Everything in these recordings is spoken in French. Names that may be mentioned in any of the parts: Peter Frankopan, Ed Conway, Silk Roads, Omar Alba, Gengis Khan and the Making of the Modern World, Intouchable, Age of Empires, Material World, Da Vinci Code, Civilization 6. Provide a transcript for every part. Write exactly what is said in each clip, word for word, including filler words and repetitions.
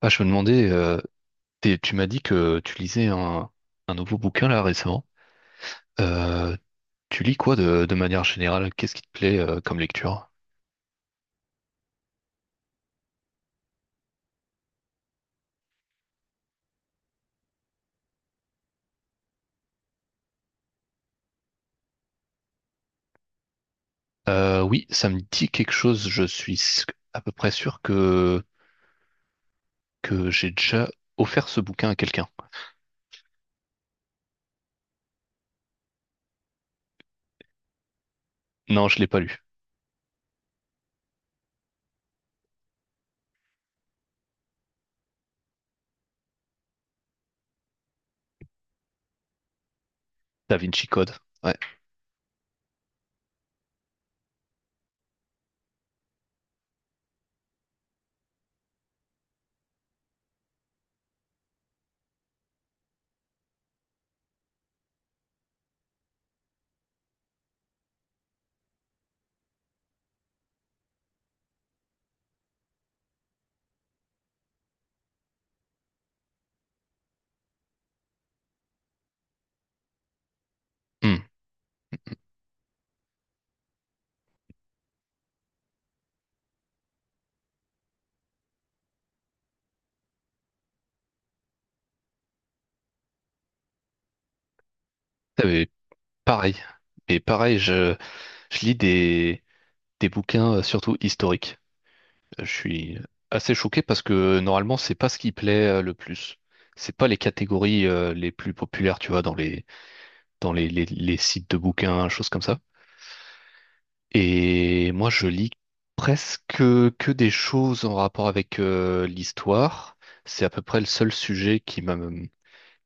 Ah, je me demandais, euh, t'es- tu m'as dit que tu lisais un, un nouveau bouquin là récemment. Euh, tu lis quoi de, de manière générale? Qu'est-ce qui te plaît euh, comme lecture? Euh, oui, ça me dit quelque chose. Je suis s- à peu près sûr que, que j'ai déjà offert ce bouquin à quelqu'un. Non, je l'ai pas lu. Da Vinci Code. Ouais. Hmm. Ah, mais pareil. Et pareil, je, je lis des, des bouquins euh, surtout historiques. Je suis assez choqué parce que normalement, c'est pas ce qui plaît euh, le plus. C'est pas les catégories euh, les plus populaires, tu vois, dans les dans les, les, les sites de bouquins, choses comme ça. Et moi, je lis presque que des choses en rapport avec euh, l'histoire. C'est à peu près le seul sujet qui m'a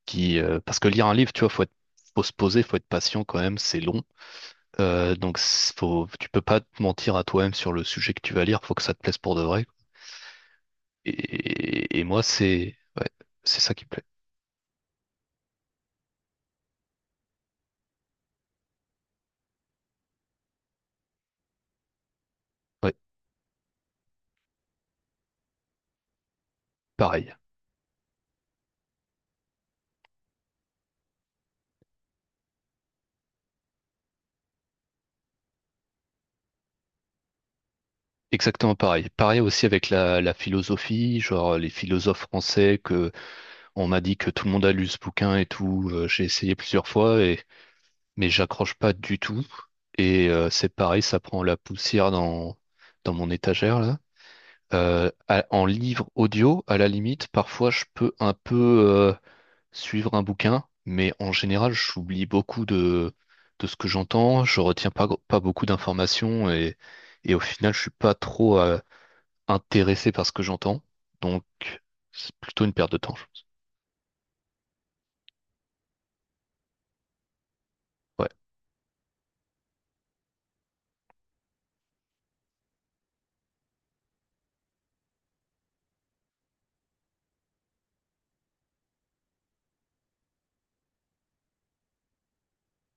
qui euh, parce que lire un livre, tu vois, faut être faut se poser, faut être patient quand même, c'est long. Euh, donc c'est- faut, tu peux pas te mentir à toi-même sur le sujet que tu vas lire, faut que ça te plaise pour de vrai. Et, et moi, c'est ouais, c'est ça qui me plaît. Ouais, pareil. Exactement pareil. Pareil aussi avec la, la philosophie, genre les philosophes français que on m'a dit que tout le monde a lu ce bouquin et tout. Euh, j'ai essayé plusieurs fois et mais j'accroche pas du tout. Et euh, c'est pareil, ça prend la poussière dans dans mon étagère là. Euh, à- en livre audio, à la limite, parfois je peux un peu euh, suivre un bouquin, mais en général, j'oublie beaucoup de, de ce que j'entends, je retiens pas, pas beaucoup d'informations et, et au final, je suis pas trop euh, intéressé par ce que j'entends. Donc, c'est plutôt une perte de temps, je pense. Ouais,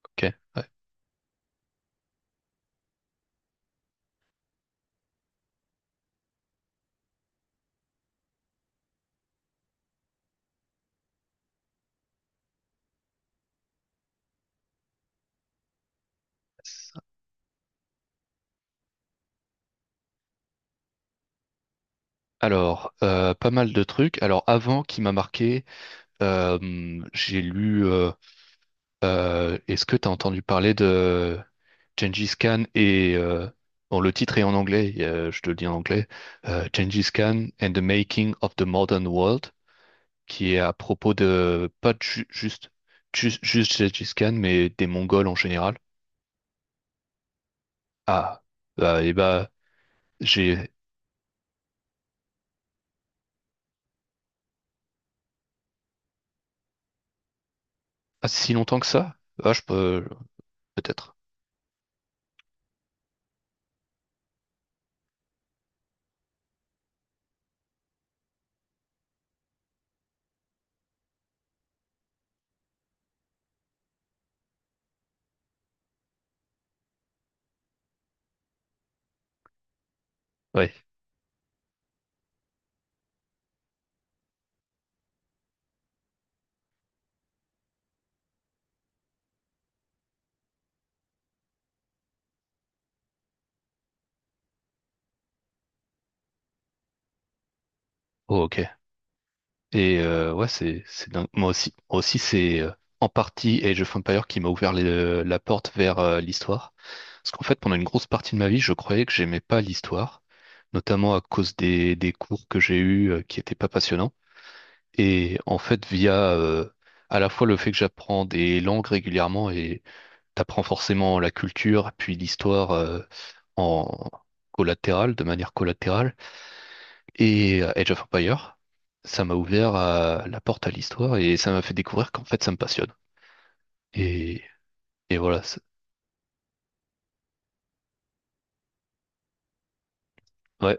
ok. Ouais. Alors, euh, pas mal de trucs. Alors, avant, qui m'a marqué, euh, j'ai lu. Euh, Euh, est-ce que tu as entendu parler de Gengis Khan et euh, bon, le titre est en anglais, euh, je te le dis en anglais, euh, Gengis Khan and the Making of the Modern World, qui est à propos de pas ju- juste ju- juste Gengis Khan, mais des Mongols en général. Ah, bah, et bah j'ai pas si longtemps que ça. Ah, je peux, peut être ouais. Oh, ok. Et euh, ouais, c'est c'est dingue. Moi aussi, moi aussi c'est euh, en partie Age of Empires qui m'a ouvert les- la porte vers euh, l'histoire. Parce qu'en fait, pendant une grosse partie de ma vie, je croyais que j'aimais pas l'histoire, notamment à cause des, des cours que j'ai eus euh, qui étaient pas passionnants. Et en fait, via euh, à la fois le fait que j'apprends des langues régulièrement et t'apprends forcément la culture, puis l'histoire euh, en collatéral, de manière collatérale, et euh, Age of Empires, ça m'a ouvert à- la porte à l'histoire et ça m'a fait découvrir qu'en fait ça me passionne. Et, et voilà. c'est- Ouais,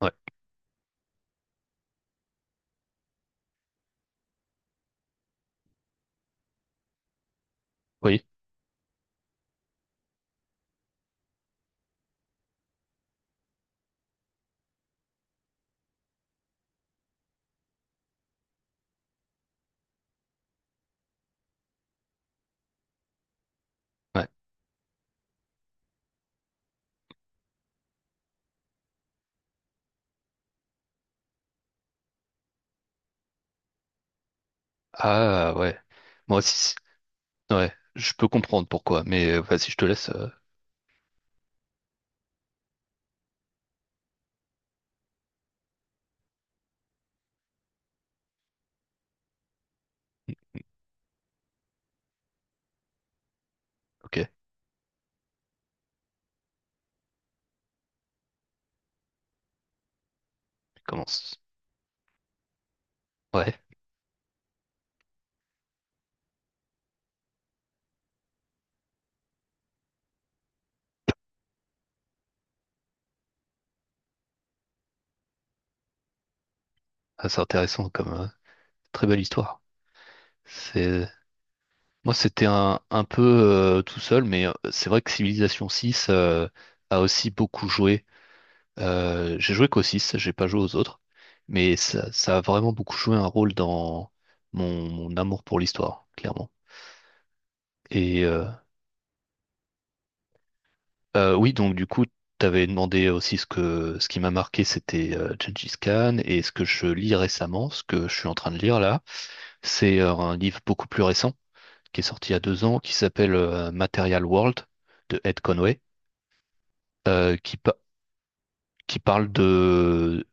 ouais, oui, ouais. Ah ouais. Moi aussi, ouais, je peux comprendre pourquoi, mais euh, vas-y, je te laisse. Euh, ok, commence. Ouais, ah, c'est intéressant comme euh, très belle histoire. C'est Moi c'était un, un peu euh, tout seul, mais euh, c'est vrai que Civilization six euh, a aussi beaucoup joué. Euh, j'ai joué qu'au six, j'ai pas joué aux autres, mais ça, ça a vraiment beaucoup joué un rôle dans mon, mon amour pour l'histoire, clairement. Et euh, euh, oui, donc du coup, t'avais demandé aussi ce que ce qui m'a marqué, c'était euh, Gengis Khan, et ce que je lis récemment, ce que je suis en train de lire là, c'est euh, un livre beaucoup plus récent qui est sorti il y a deux ans, qui s'appelle euh, Material World de Ed Conway, euh, qui, pa- qui parle de,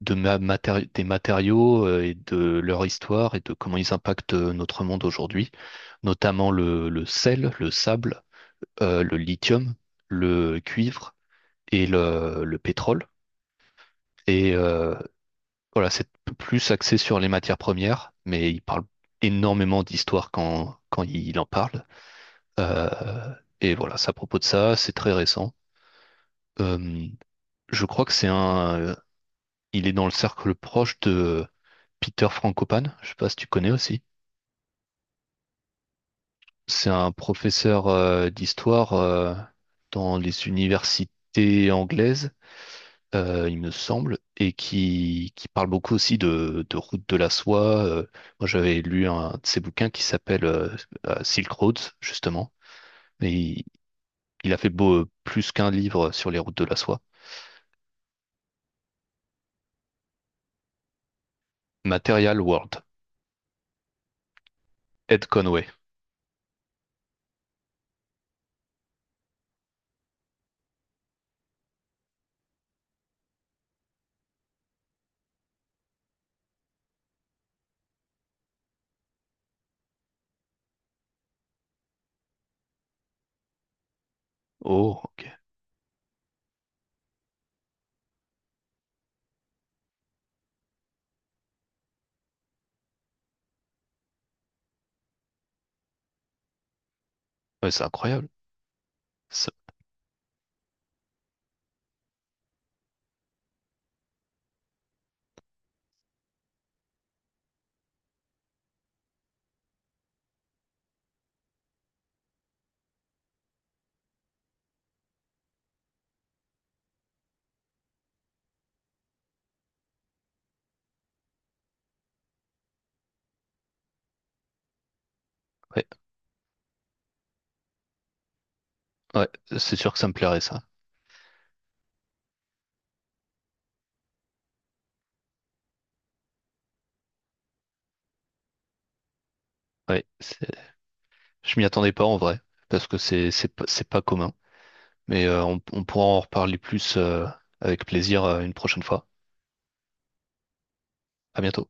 de ma- matéri- des matériaux euh, et de leur histoire et de comment ils impactent euh, notre monde aujourd'hui, notamment le, le sel, le sable, euh, le lithium, le cuivre et le, le pétrole. Et euh, voilà, c'est p- plus axé sur les matières premières, mais il parle énormément d'histoire quand, quand il en parle. Euh, et voilà, c'est à propos de ça, c'est très récent. Euh, je crois que c'est un. Euh, il est dans le cercle proche de Peter Frankopan. Je sais pas si tu connais aussi. C'est un professeur euh, d'histoire euh, dans les universités anglaises, euh, il me semble, et qui, qui parle beaucoup aussi de, de route de la soie. euh. Moi, j'avais lu un de ses bouquins qui s'appelle euh, euh, Silk Roads, justement. Et il, il a fait beau, plus qu'un livre sur les routes de la soie. Material World, Ed Conway. Oh, ok. Ouais, c'est incroyable. Ça- ouais, ouais, c'est sûr que ça me plairait ça. Ouais, c'est- je m'y attendais pas en vrai, parce que c'est c'est pas c'est pas commun. Mais euh, on, on pourra en reparler plus euh, avec plaisir euh, une prochaine fois. À bientôt.